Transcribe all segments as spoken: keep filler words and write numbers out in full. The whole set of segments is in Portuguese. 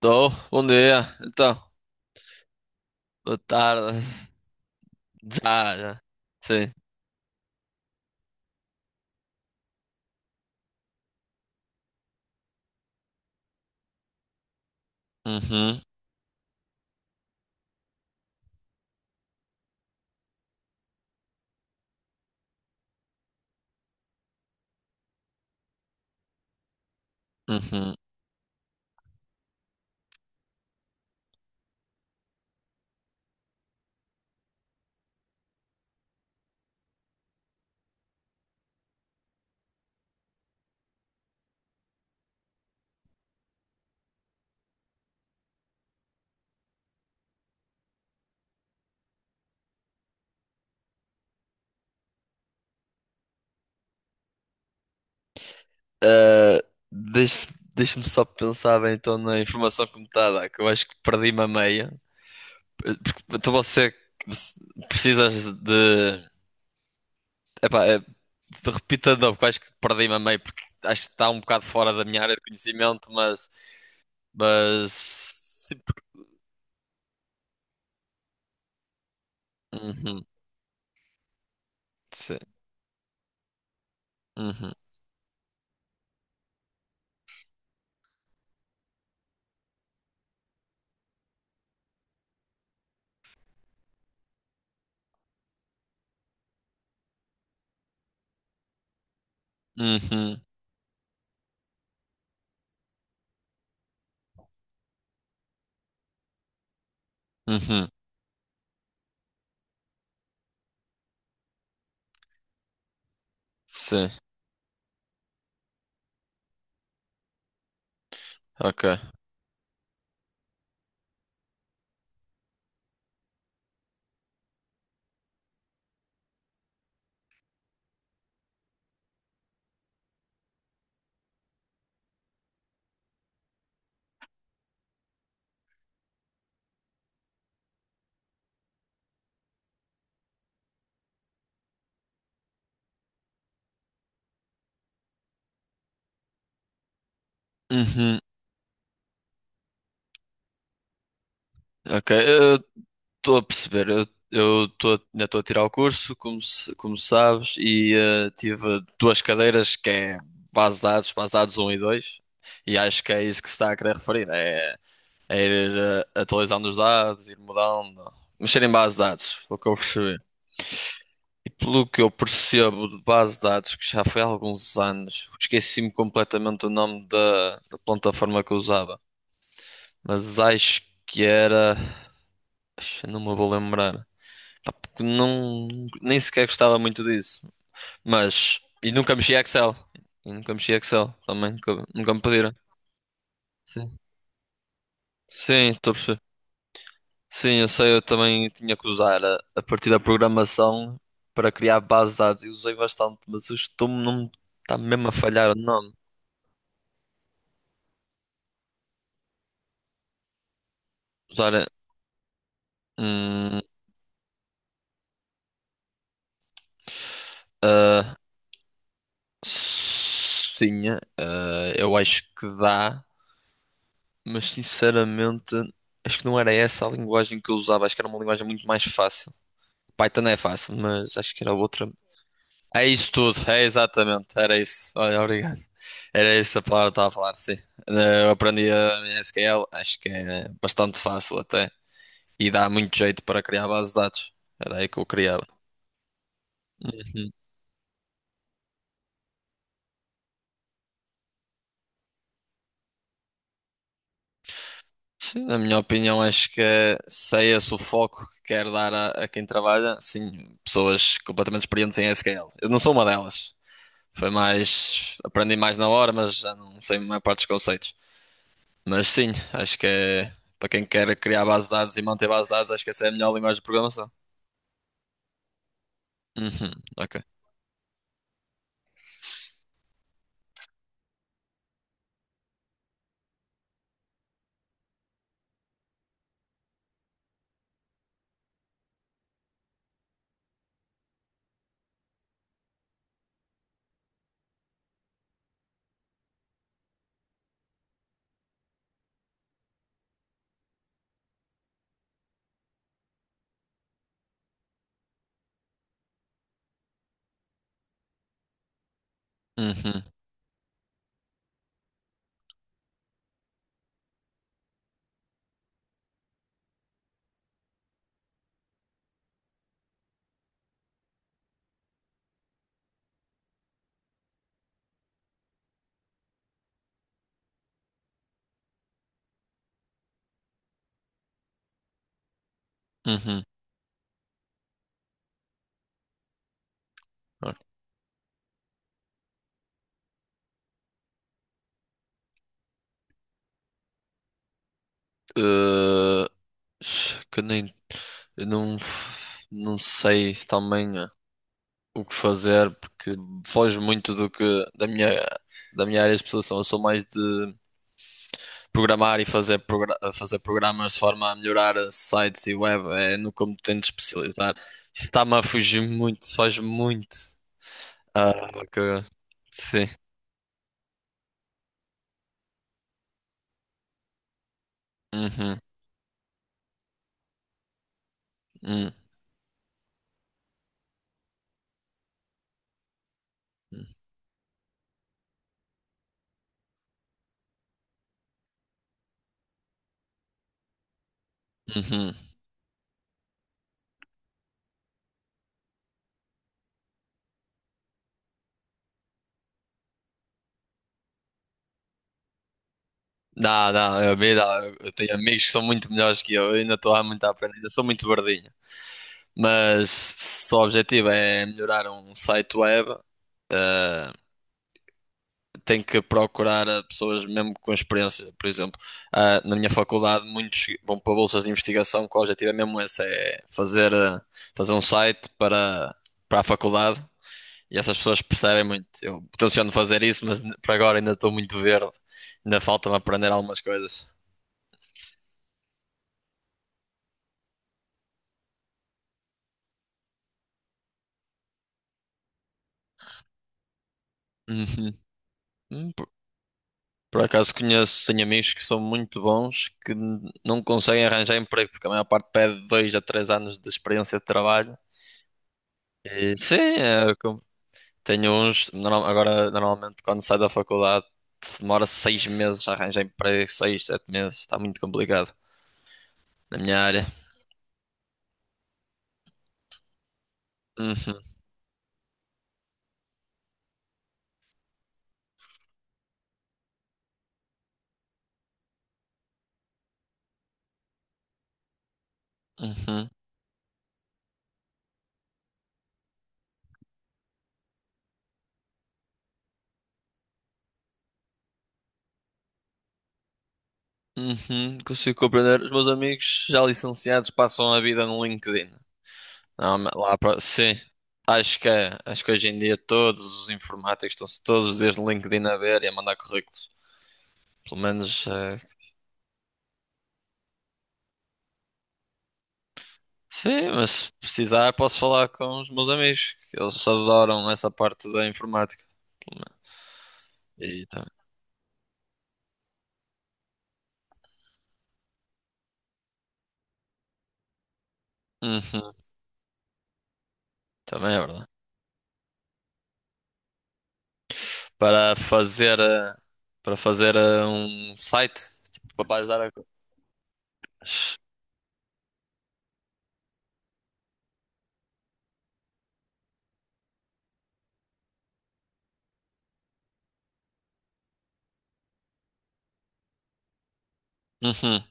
Tô, bom dia. Então, boa tarde. Já, já. Sim. Uhum, uhum. Ah, deixa, deixa-me só pensar bem então na informação que me está a dar, que eu acho que perdi-me a meia. Porque, então você você precisas de. Epá, é, de- repita de novo, que eu acho que perdi-me a meia, porque acho que está um bocado fora da minha área de conhecimento, mas. Mas. Sim. porque- Uhum, sim. Uhum, uhum, uhum. Sim, ok. Uhum, ok, eu estou a perceber. Eu eu tô, ainda estou a tirar o curso, como, se- como sabes, e eh, tive duas cadeiras que é base de dados, base de dados um e dois e acho que é isso que se está a querer referir. É, é ir eh, atualizando os dados, ir mudando, mexer em base de dados, foi o que eu percebi. E pelo que eu percebo de base de dados, que já foi há alguns anos, esqueci-me completamente o nome da, da plataforma que eu usava, mas acho que era. Acho que não me vou lembrar. Pá, porque não, nem sequer gostava muito disso. Mas, e nunca mexi a Excel. E nunca mexi a Excel também, nunca, nunca me pediram. Sim, sim, estou a perceber. Sim, eu sei, eu também tinha que usar a, a partir da programação para criar bases de dados e usei bastante, mas estou-me não está mesmo a falhar o nome. Usar, hum, ah, sim, ah, eu acho que dá, mas sinceramente acho que não era essa a linguagem que eu usava, acho que era uma linguagem muito mais fácil. Python é fácil, mas acho que era outra. É isso tudo, é exatamente, era isso. Olha, obrigado. Era isso a palavra que estava a falar, sim. Eh, Eu aprendi a S Q L, acho que é bastante fácil até. E dá muito jeito para criar bases de dados. Era aí que eu criava. Uhum. Sim, na minha opinião, acho que é- se é esse o foco que quero dar a, a quem trabalha, sim, pessoas completamente experientes em S Q L. Eu não sou uma delas. Foi mais, aprendi mais na hora, mas já não sei a maior parte dos conceitos. Mas sim, acho que é para quem quer criar base de dados e manter base de dados, acho que essa é a melhor linguagem de programação. Uhum, ok. Uhum, uhum. Ok. Uh, que nem eu não não sei também eh, o que fazer porque foge muito do que da minha da minha área de especialização. Eu sou mais de programar e fazer progra- fazer programas de forma a melhorar eh, sites e web, é no que eu me tento especializar. Isso está-me a fugir muito, foge muito. Ah, caraca. Sim. Uhum. Uhum. Uhum. Não, não, eu, me dá. Eu eu tenho amigos que são muito melhores que eu. Eu ainda estou há muito a aprender. Ainda sou muito verdinho. Mas se o objetivo é melhorar um site web, eh, tem que procurar eh, pessoas mesmo com experiência. Por exemplo, ah, na minha faculdade, muitos vão para bolsas de investigação, que o objetivo é mesmo esse, é fazer, eh, fazer um site para, para a faculdade. E essas pessoas percebem muito. Eu tenciono fazer isso, mas por agora ainda estou muito verde. Ainda falta-me aprender algumas coisas. Uhum. Hum, Por, por acaso conheço, tenho amigos que são muito bons, que n- não conseguem arranjar emprego, porque a maior parte pede dois a três anos de experiência de trabalho. E, sim, é com- tenho uns. normal- agora, normalmente, quando sai da faculdade, demora seis meses a arranjar emprego, seis, sete meses. Está muito complicado na minha área. Uhum, uhum. Uhum, consigo compreender. Os meus amigos já licenciados passam a vida no LinkedIn. Não, mas lá para. Sim, acho que é. Acho que hoje em dia todos os informáticos estão-se todos os dias no LinkedIn a ver e a mandar currículos. Pelo menos, eh, sim, mas se precisar posso falar com os meus amigos, que eles adoram essa parte da informática. Pelo menos. E tá. Uhum, também é verdade. Para fazer, eh, para fazer eh, um site, tipo, para ajudar a. Uhum.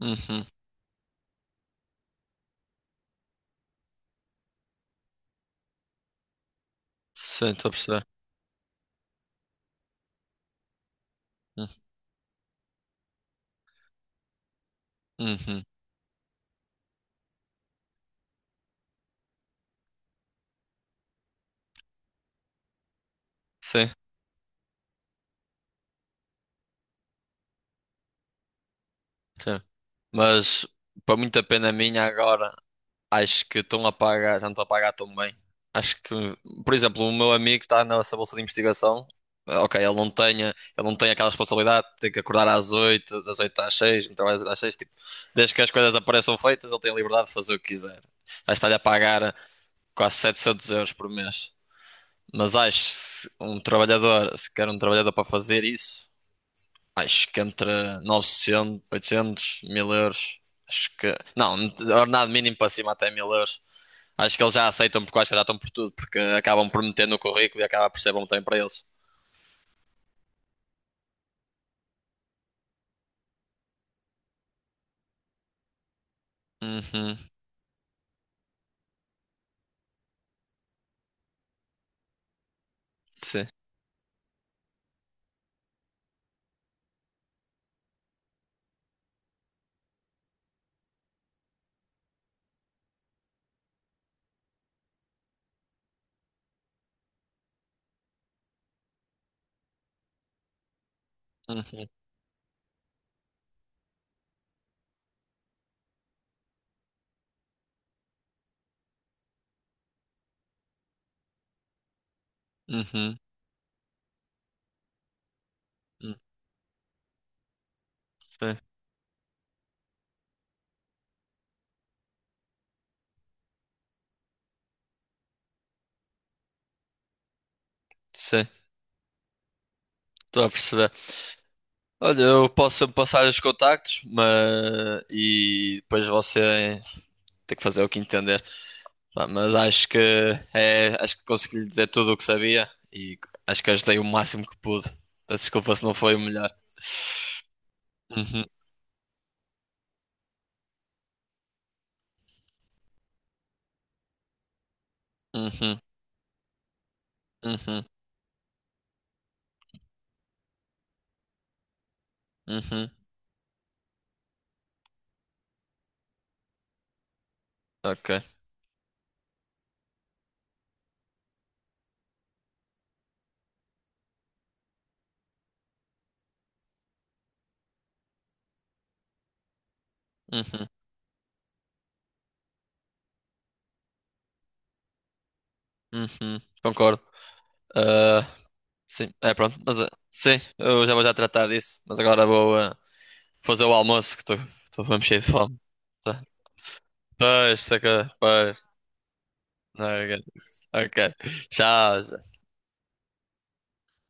Uhum. Sim, estou a perceber. Uhum. Sim, sim. Mas, para muita pena minha, agora acho que estão a pagar, já não estão a pagar tão bem. Acho que, por exemplo, o meu amigo está nessa bolsa de investigação. eh, Ok, ele não tem, ele não tem aquela responsabilidade de ter que acordar às oito, das oito às seis não trabalha, às seis tipo, desde que as coisas apareçam feitas, ele tem a liberdade de fazer o que quiser. Acho que está-lhe a pagar quase setecentos euros por mês. Mas acho que se um trabalhador, se quer um trabalhador para fazer isso. Acho que entre novecentos, oitocentos, mil euros. Acho que. Não, ordenado mínimo para cima até mil euros. Acho que eles já aceitam porque eu acho que já estão por tudo, porque acabam por meter no currículo e acaba por ser bom também para eles. Uhum, sim. Uhum, uhum, uhum, sim. Sim, estou a perceber. Olha, eu posso passar os contactos, mas. E depois você tem que fazer o que entender. Pá, mas acho que é, acho que consegui lhe dizer tudo o que sabia e acho que ajudei o máximo que pude. Peço desculpa se não foi o melhor. Uhum, uhum, uhum, uhum. Ok. Uhum, uhum. Concordo. Ah, sim, é pronto. Mas, ah, sim, eu já vou já tratar disso. Mas agora vou ah, fazer o almoço que estou mesmo cheio de fome. Tá. Pois, saca, pois. Ok, ok. Tchau.